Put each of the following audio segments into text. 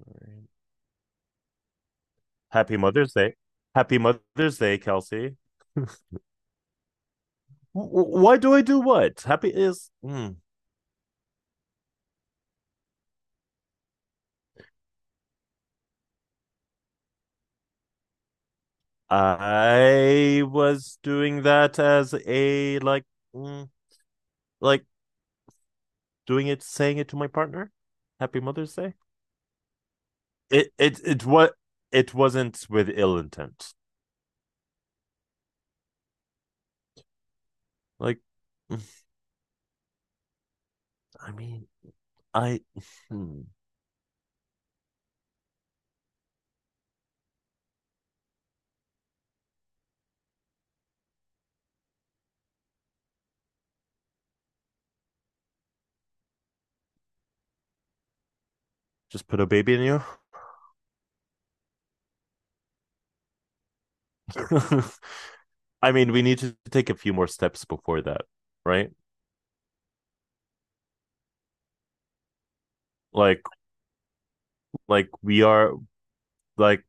Experience. Happy Mother's Day. Happy Mother's Day, Kelsey. W- why do I do what? Happy is. Mm. I was doing that as a mm, like doing it, saying it to my partner. Happy Mother's Day. It it it what it wasn't with ill intent. Like, mm, I mean, I hmm, just put a baby in you. I mean, we need to take a few more steps before that, right? Like, like we are like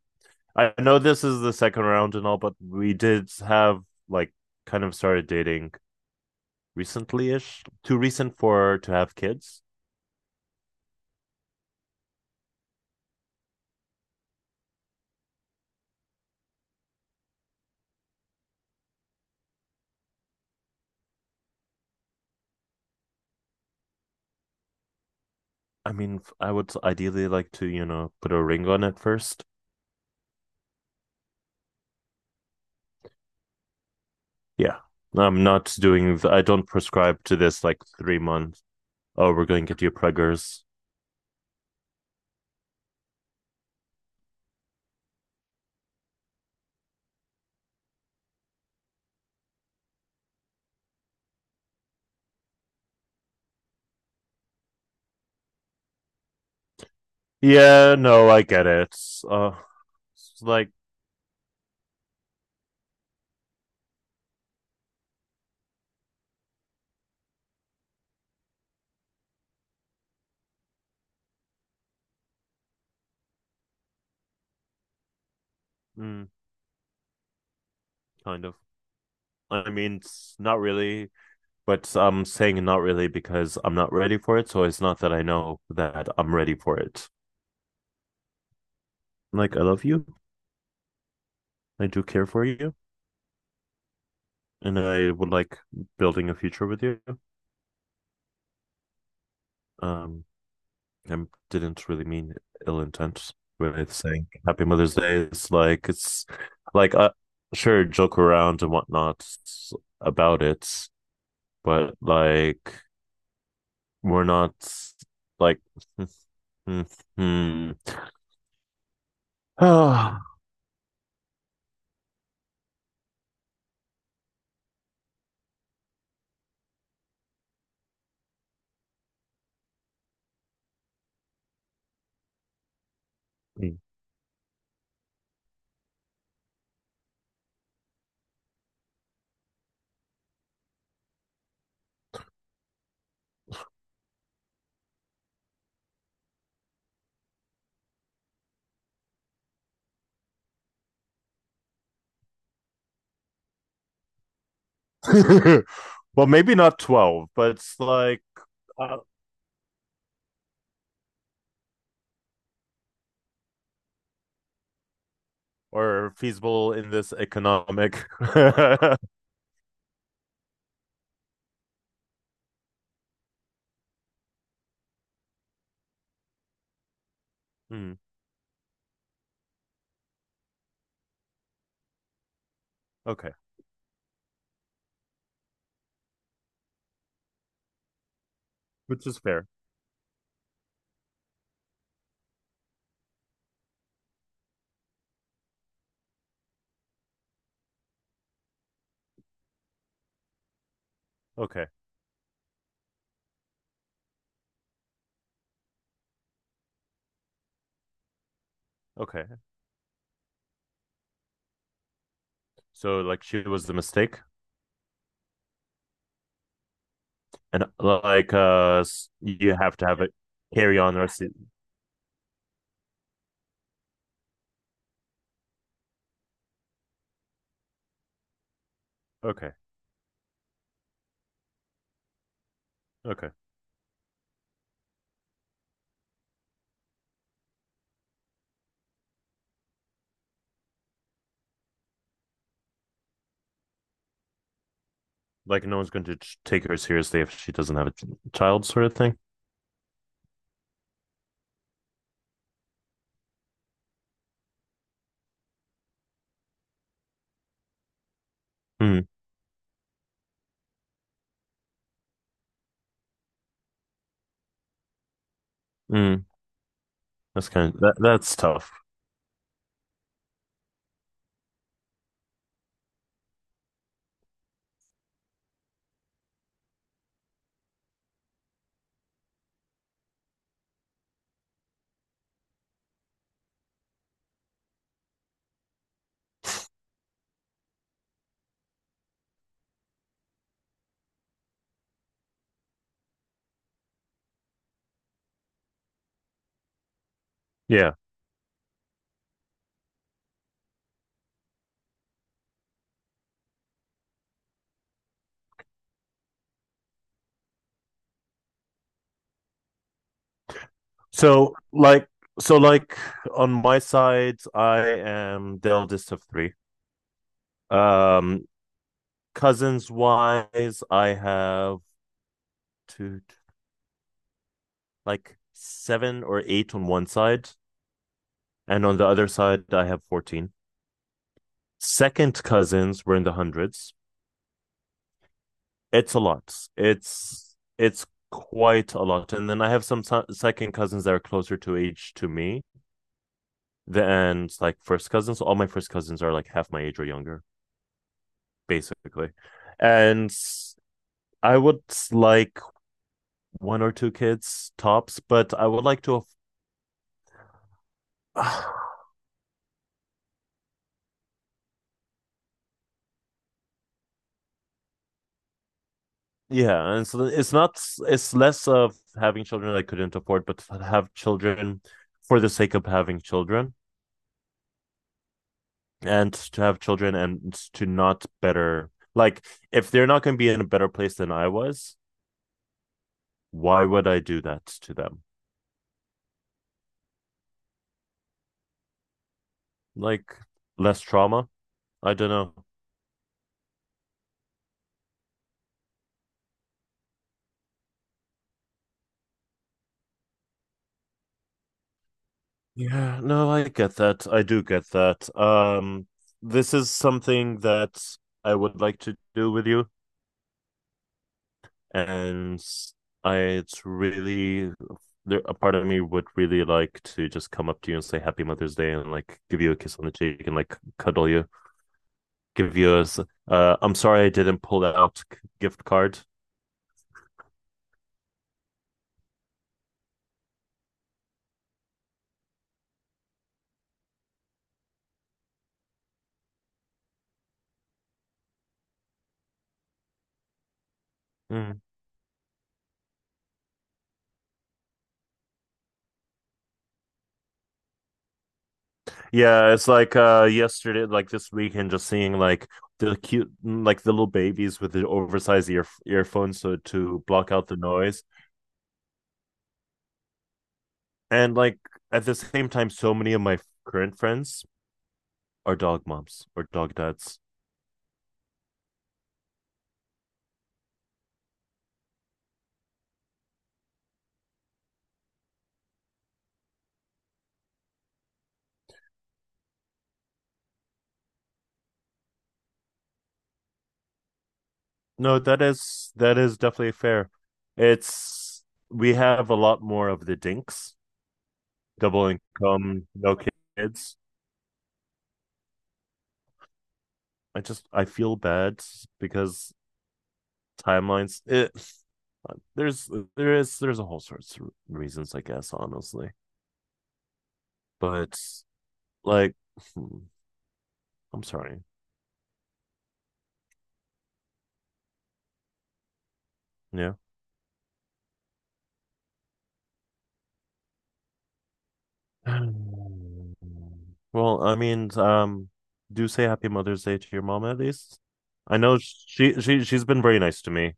I know this is the second round and all, but we did have like kind of started dating recently ish. Too recent for to have kids. I mean, I would ideally like to, you know, put a ring on it first. Yeah. I'm not doing, I don't prescribe to this like 3 months. Oh, we're going to get you preggers. Yeah, no, I get it. Uh, it's like, mm, kind of. I mean, it's not really. But I'm saying not really because I'm not ready for it. So it's not that I know that I'm ready for it. Like, I love you. I do care for you. And I would like building a future with you. Um, I didn't really mean ill intent with saying Happy Mother's Day. It's like, like, uh, sure, joke around and whatnot about it. But like, we're not like, hmm. Well, maybe not 12, but it's uh, or feasible in this economic. Hmm, okay. Which is fair. Okay. Okay. So, like, she was the mistake. And, you have to have it carry on or see. Okay. Okay. Like, no one's going to take her seriously if she doesn't have a child, sort of thing. Mm, mm, that's kind of, that's tough. Yeah. So, like on my side, I am the eldest of three. Um, cousins wise, I have two, like seven or eight on one side, and on the other side, I have 14. Second cousins were in the hundreds. It's a lot. It's quite a lot. And then I have some second cousins that are closer to age to me than like first cousins. All my first cousins are like half my age or younger, basically. And I would like one or two kids tops, but I would like to Yeah, and so it's not it's less of having children I couldn't afford, but to have children for the sake of having children and to have children and to not better like if they're not going to be in a better place than I was, why would I do that to them? Like less trauma? I don't know. Yeah, no, I get that. I do get that. This is something that I would like to do with you and I it's really there a part of me would really like to just come up to you and say happy mother's day and like give you a kiss on the cheek and like cuddle you give you a I'm sorry I didn't pull out gift card. Mm. Yeah, it's like yesterday, like this weekend, just seeing like the cute, like the little babies with the oversized ear earphones so to block out the noise, and like at the same time, so many of my current friends are dog moms or dog dads. No, that is definitely fair. It's we have a lot more of the dinks, double income, no kids. I feel bad because timelines. It there's there is there's a whole sorts of reasons, I guess, honestly. But like, hmm, I'm sorry. Yeah. Well, I mean, do say Happy Mother's Day to your mom at least. I know she's been very nice to me,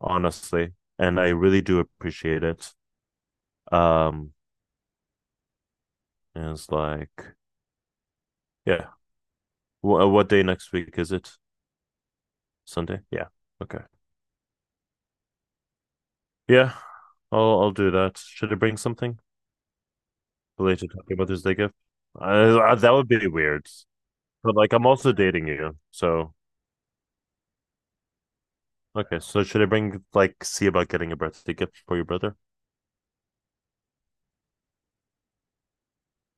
honestly, and I really do appreciate it. Um, and it's like, yeah, what day next week is it? Sunday? Yeah. Okay. Yeah, I'll do that. Should I bring something? Late to talking about this day gift. That would be weird. But like, I'm also dating you, so okay. So should I bring like see about getting a birthday gift for your brother?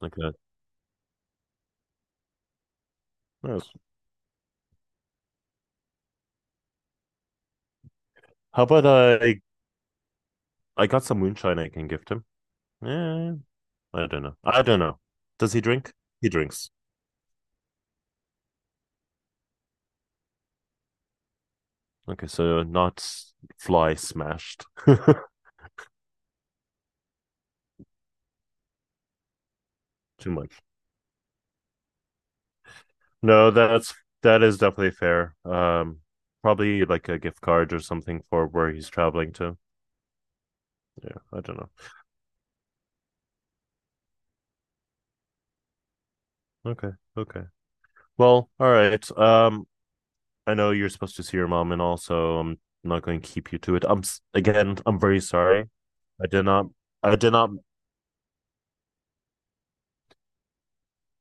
Like that. Yes. How about I got some moonshine I can gift him. Yeah, I don't know. I don't know. Does he drink? He drinks. Okay, so not fly smashed too much. No, that is definitely fair. Probably like a gift card or something for where he's traveling to. Yeah, I don't know. Okay, okay. Well, all right. I know you're supposed to see your mom, and also I'm not going to keep you to it. Again, I'm very sorry. I did not. I did not.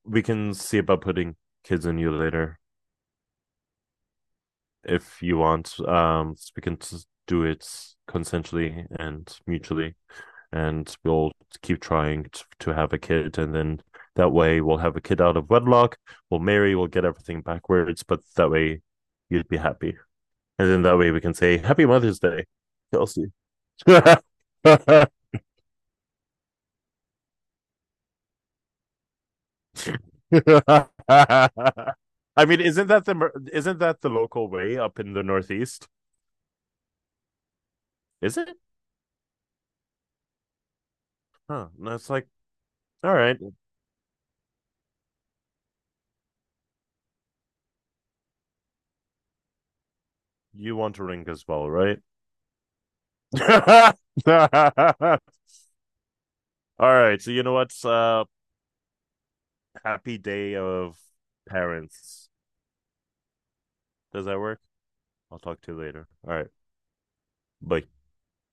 We can see about putting kids in you later if you want. We can do it consensually and mutually, and we'll keep trying to have a kid, and then that way we'll have a kid out of wedlock. We'll marry. We'll get everything backwards, but that way you'd be happy, and then that way we can say Happy Mother's Day, Kelsey. I mean, isn't that the local way up in the Northeast? Is it? Huh. And it's like, all right, you want to ring as well, right? All right. So you know what's happy day of parents. Does that work? I'll talk to you later. All right. Bye.